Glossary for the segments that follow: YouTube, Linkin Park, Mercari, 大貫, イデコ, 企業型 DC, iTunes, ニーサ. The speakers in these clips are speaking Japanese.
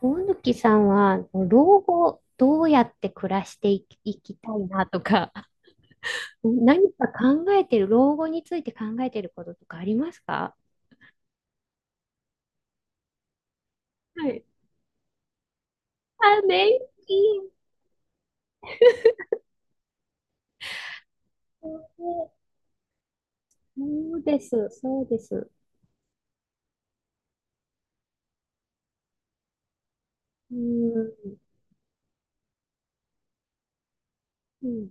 大貫さんは、老後、どうやって暮らしていきたいなとか、何か考えてる、老後について考えてることとかありますか？はい。あ、年金。そうです、そうです。うん、うん、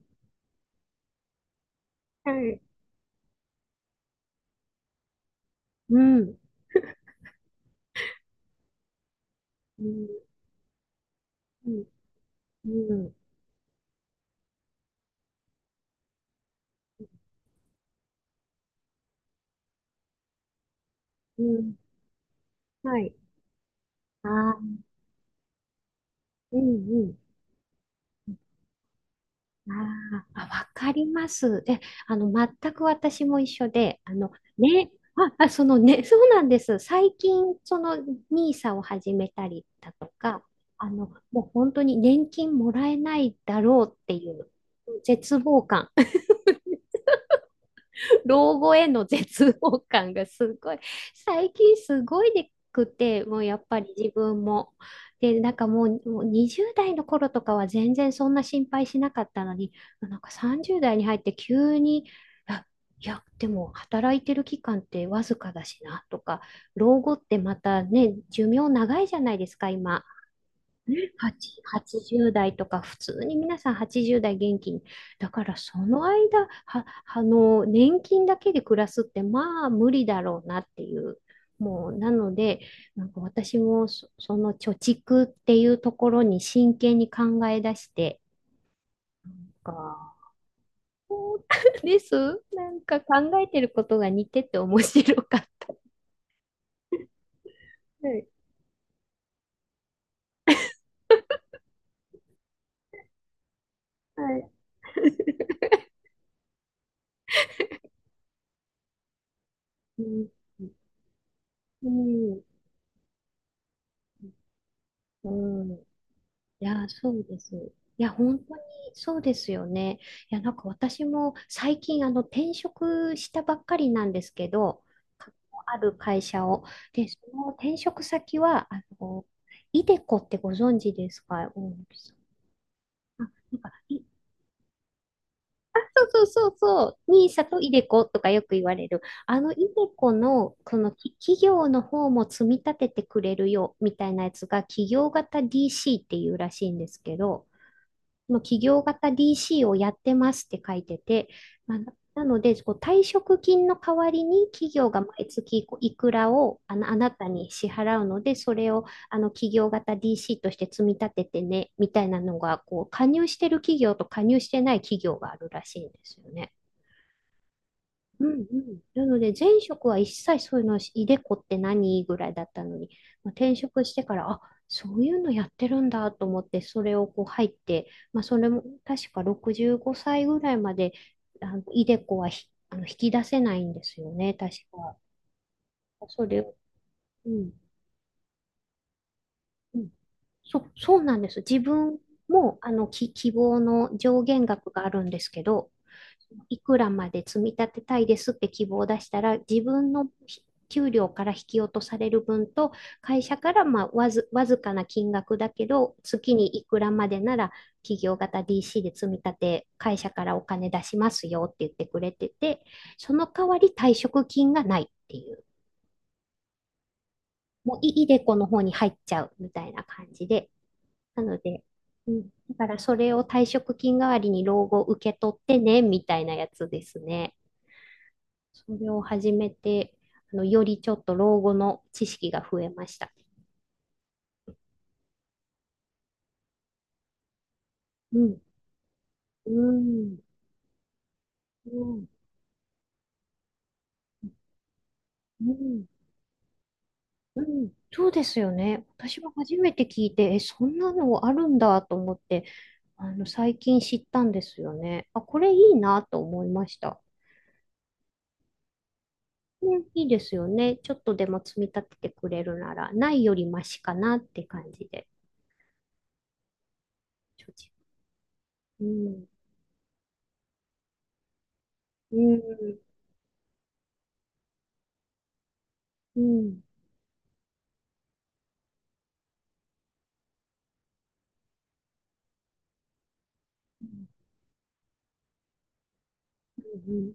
はい。うん、うん、うん、うん、うん、はい。あー、うん、あーあ、わかります。え、全く私も一緒で、ね、そのね、そうなんです。最近、その、ニーサを始めたりだとか、あの、もう本当に年金もらえないだろうっていう絶望感。老後への絶望感がすごい、最近すごいでくて、もうやっぱり自分も。で、なんかもう20代の頃とかは全然そんな心配しなかったのに、なんか30代に入って急に、あいや、でも働いてる期間ってわずかだしなとか、老後ってまたね、寿命長いじゃないですか、今。8、80代とか、普通に皆さん80代元気に。だからその間、は、年金だけで暮らすって、まあ無理だろうなっていう。もう、なので、なんか私もその貯蓄っていうところに真剣に考え出して、か です。なんか考えてることが似てて面白かった。はい。はい。うん。うん。うん。いや、そうです。いや、本当にそうですよね。いや、なんか私も最近、転職したばっかりなんですけど、かある会社を。で、その転職先は、イデコってご存知ですか、大貫さん？あ、なんか、い そうそうそうそう、ニーサとイデコとかよく言われる。イデコの、この企業の方も積み立ててくれるよ、みたいなやつが、企業型 DC っていうらしいんですけど、その企業型 DC をやってますって書いてて、まあ、なので、こう退職金の代わりに企業が毎月こういくらをあのあなたに支払うので、それをあの企業型 DC として積み立ててね、みたいなのがこう加入してる企業と加入してない企業があるらしいんですよね。うんうん。なので、前職は一切そういうの、イデコって何ぐらいだったのに、まあ、転職してから、あ、そういうのやってるんだと思って、それをこう入って、まあ、それも確か65歳ぐらいまで、イデコはひあの引き出せないんですよね、確か。それを、うん。うん。そうなんです。自分も、希望の上限額があるんですけど、いくらまで積み立てたいですって希望を出したら、自分の給料から引き落とされる分と、会社からまあわずかな金額だけど、月にいくらまでなら、企業型 DC で積み立て、会社からお金出しますよって言ってくれてて、その代わり退職金がないっていう、もういいでこの方に入っちゃうみたいな感じで、なので、うん、だからそれを退職金代わりに老後受け取ってね、みたいなやつですね。それを始めて、よりちょっと老後の知識が増えました。うん、うん、うん、うん、うん。そうですよね。私も初めて聞いて、え、そんなのあるんだと思って、最近知ったんですよね。あ、これいいなと思いました。うん、いいですよね。ちょっとでも積み立ててくれるなら、ないよりマシかなって感じで。承知。うん。うん。うん。うん。うん。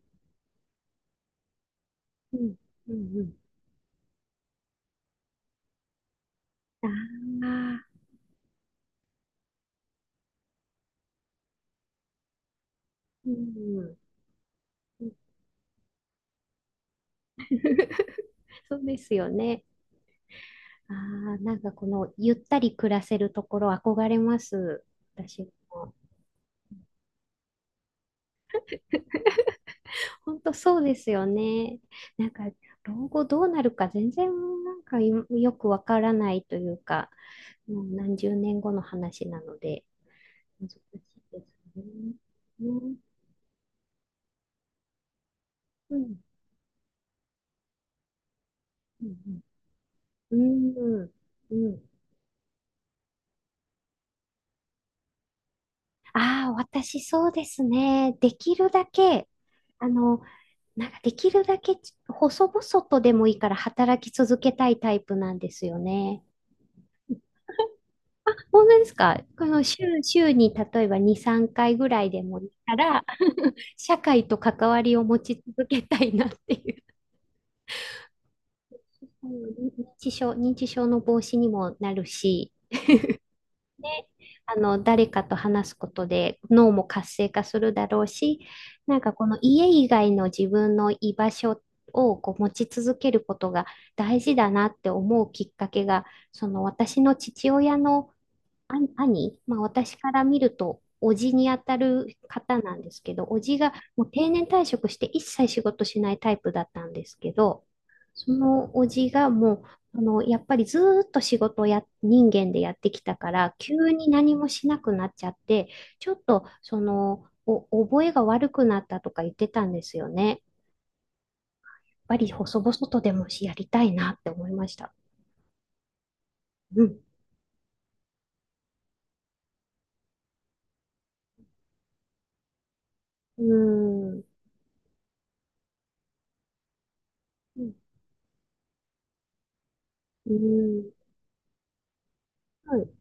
うん。うん。うん。ああー。うん。そうですよね。ああ、なんかこのゆったり暮らせるところ憧れます。私も。本当そうですよね。なんか老後どうなるか全然なんかいよくわからないというか、もう何十年後の話なので難しいですね。ね。うん。うん。うん。うん。うん。ああ、私そうですね。できるだけ、あの、なんかできるだけ細々とでもいいから働き続けたいタイプなんですよね。本当ですか？この週、週に例えば2、3回ぐらいでもいいから、社会と関わりを持ち続けたいなっていう。うん。認知症の防止にもなるし、誰かと話すことで脳も活性化するだろうし、なんかこの家以外の自分の居場所をこう持ち続けることが大事だなって思うきっかけが、その私の父親のあ兄、まあ、私から見ると、おじにあたる方なんですけど、おじがもう定年退職して一切仕事しないタイプだったんですけど、そのおじがもう、やっぱりずーっと仕事をや、人間でやってきたから、急に何もしなくなっちゃって、ちょっと、覚えが悪くなったとか言ってたんですよね。やっぱり細々とでもやりたいなって思いました。うん。うーん。うん。うん、はい。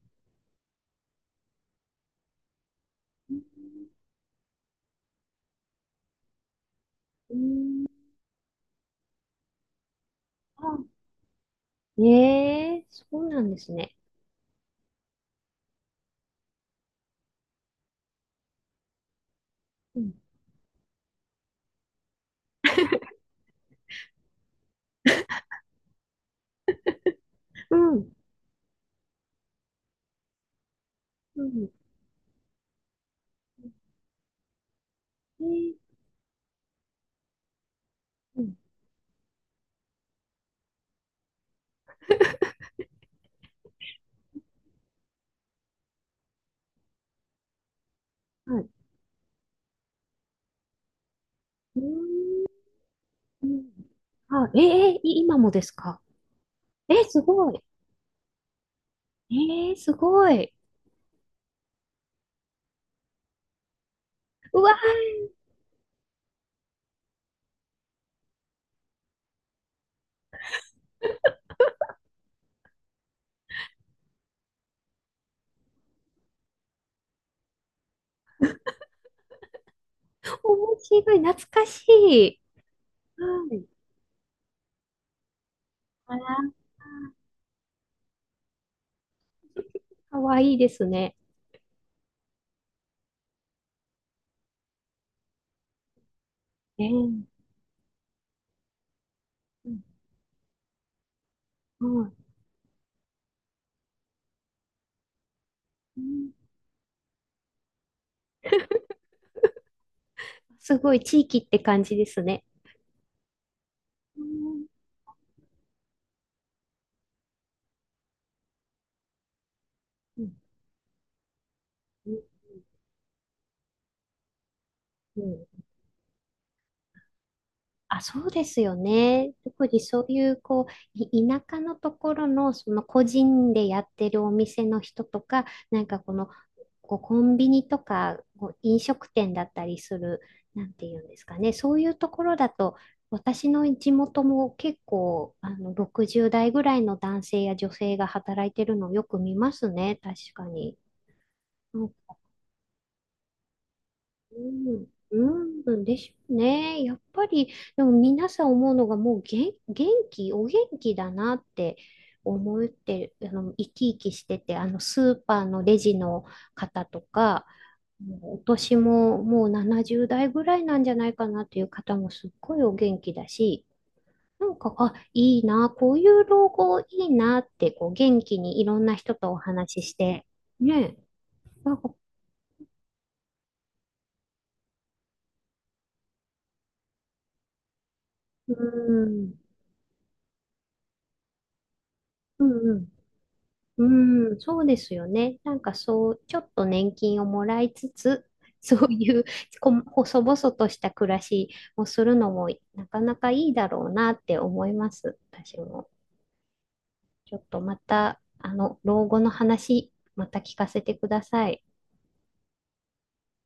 ええ、そうなんですね。うん。うん。うん。ええ、うん。はい。うん。うん。あ、ええ、い今もですか？えすごい。ええすごい。うわー、面白い。懐かしい。はい。あら、かわいいですね。ええ、うん、はい。うん すごい地域って感じですね。うん。うん。うん。あ、そうですよね。特にそういう、こう、い田舎のところの、その個人でやってるお店の人とか、なんかこの、こうコンビニとか、こう飲食店だったりする、なんていうんですかね。そういうところだと、私の地元も結構、60代ぐらいの男性や女性が働いてるのをよく見ますね。確かに。うん、うん、でしょうね。やっぱり、でも皆さん思うのがもう元、元気、お元気だなって思ってる、あの、生きしてて、スーパーのレジの方とか、もうお年ももう70代ぐらいなんじゃないかなっていう方もすっごいお元気だし、なんか、あ、いいな、こういう老後いいなって、こう、元気にいろんな人とお話しして、ね、なんか、うん、うん、うん。うん、そうですよね。なんかそう、ちょっと年金をもらいつつ、そういう細々とした暮らしをするのもなかなかいいだろうなって思います。私も。ちょっとまた、老後の話、また聞かせてください。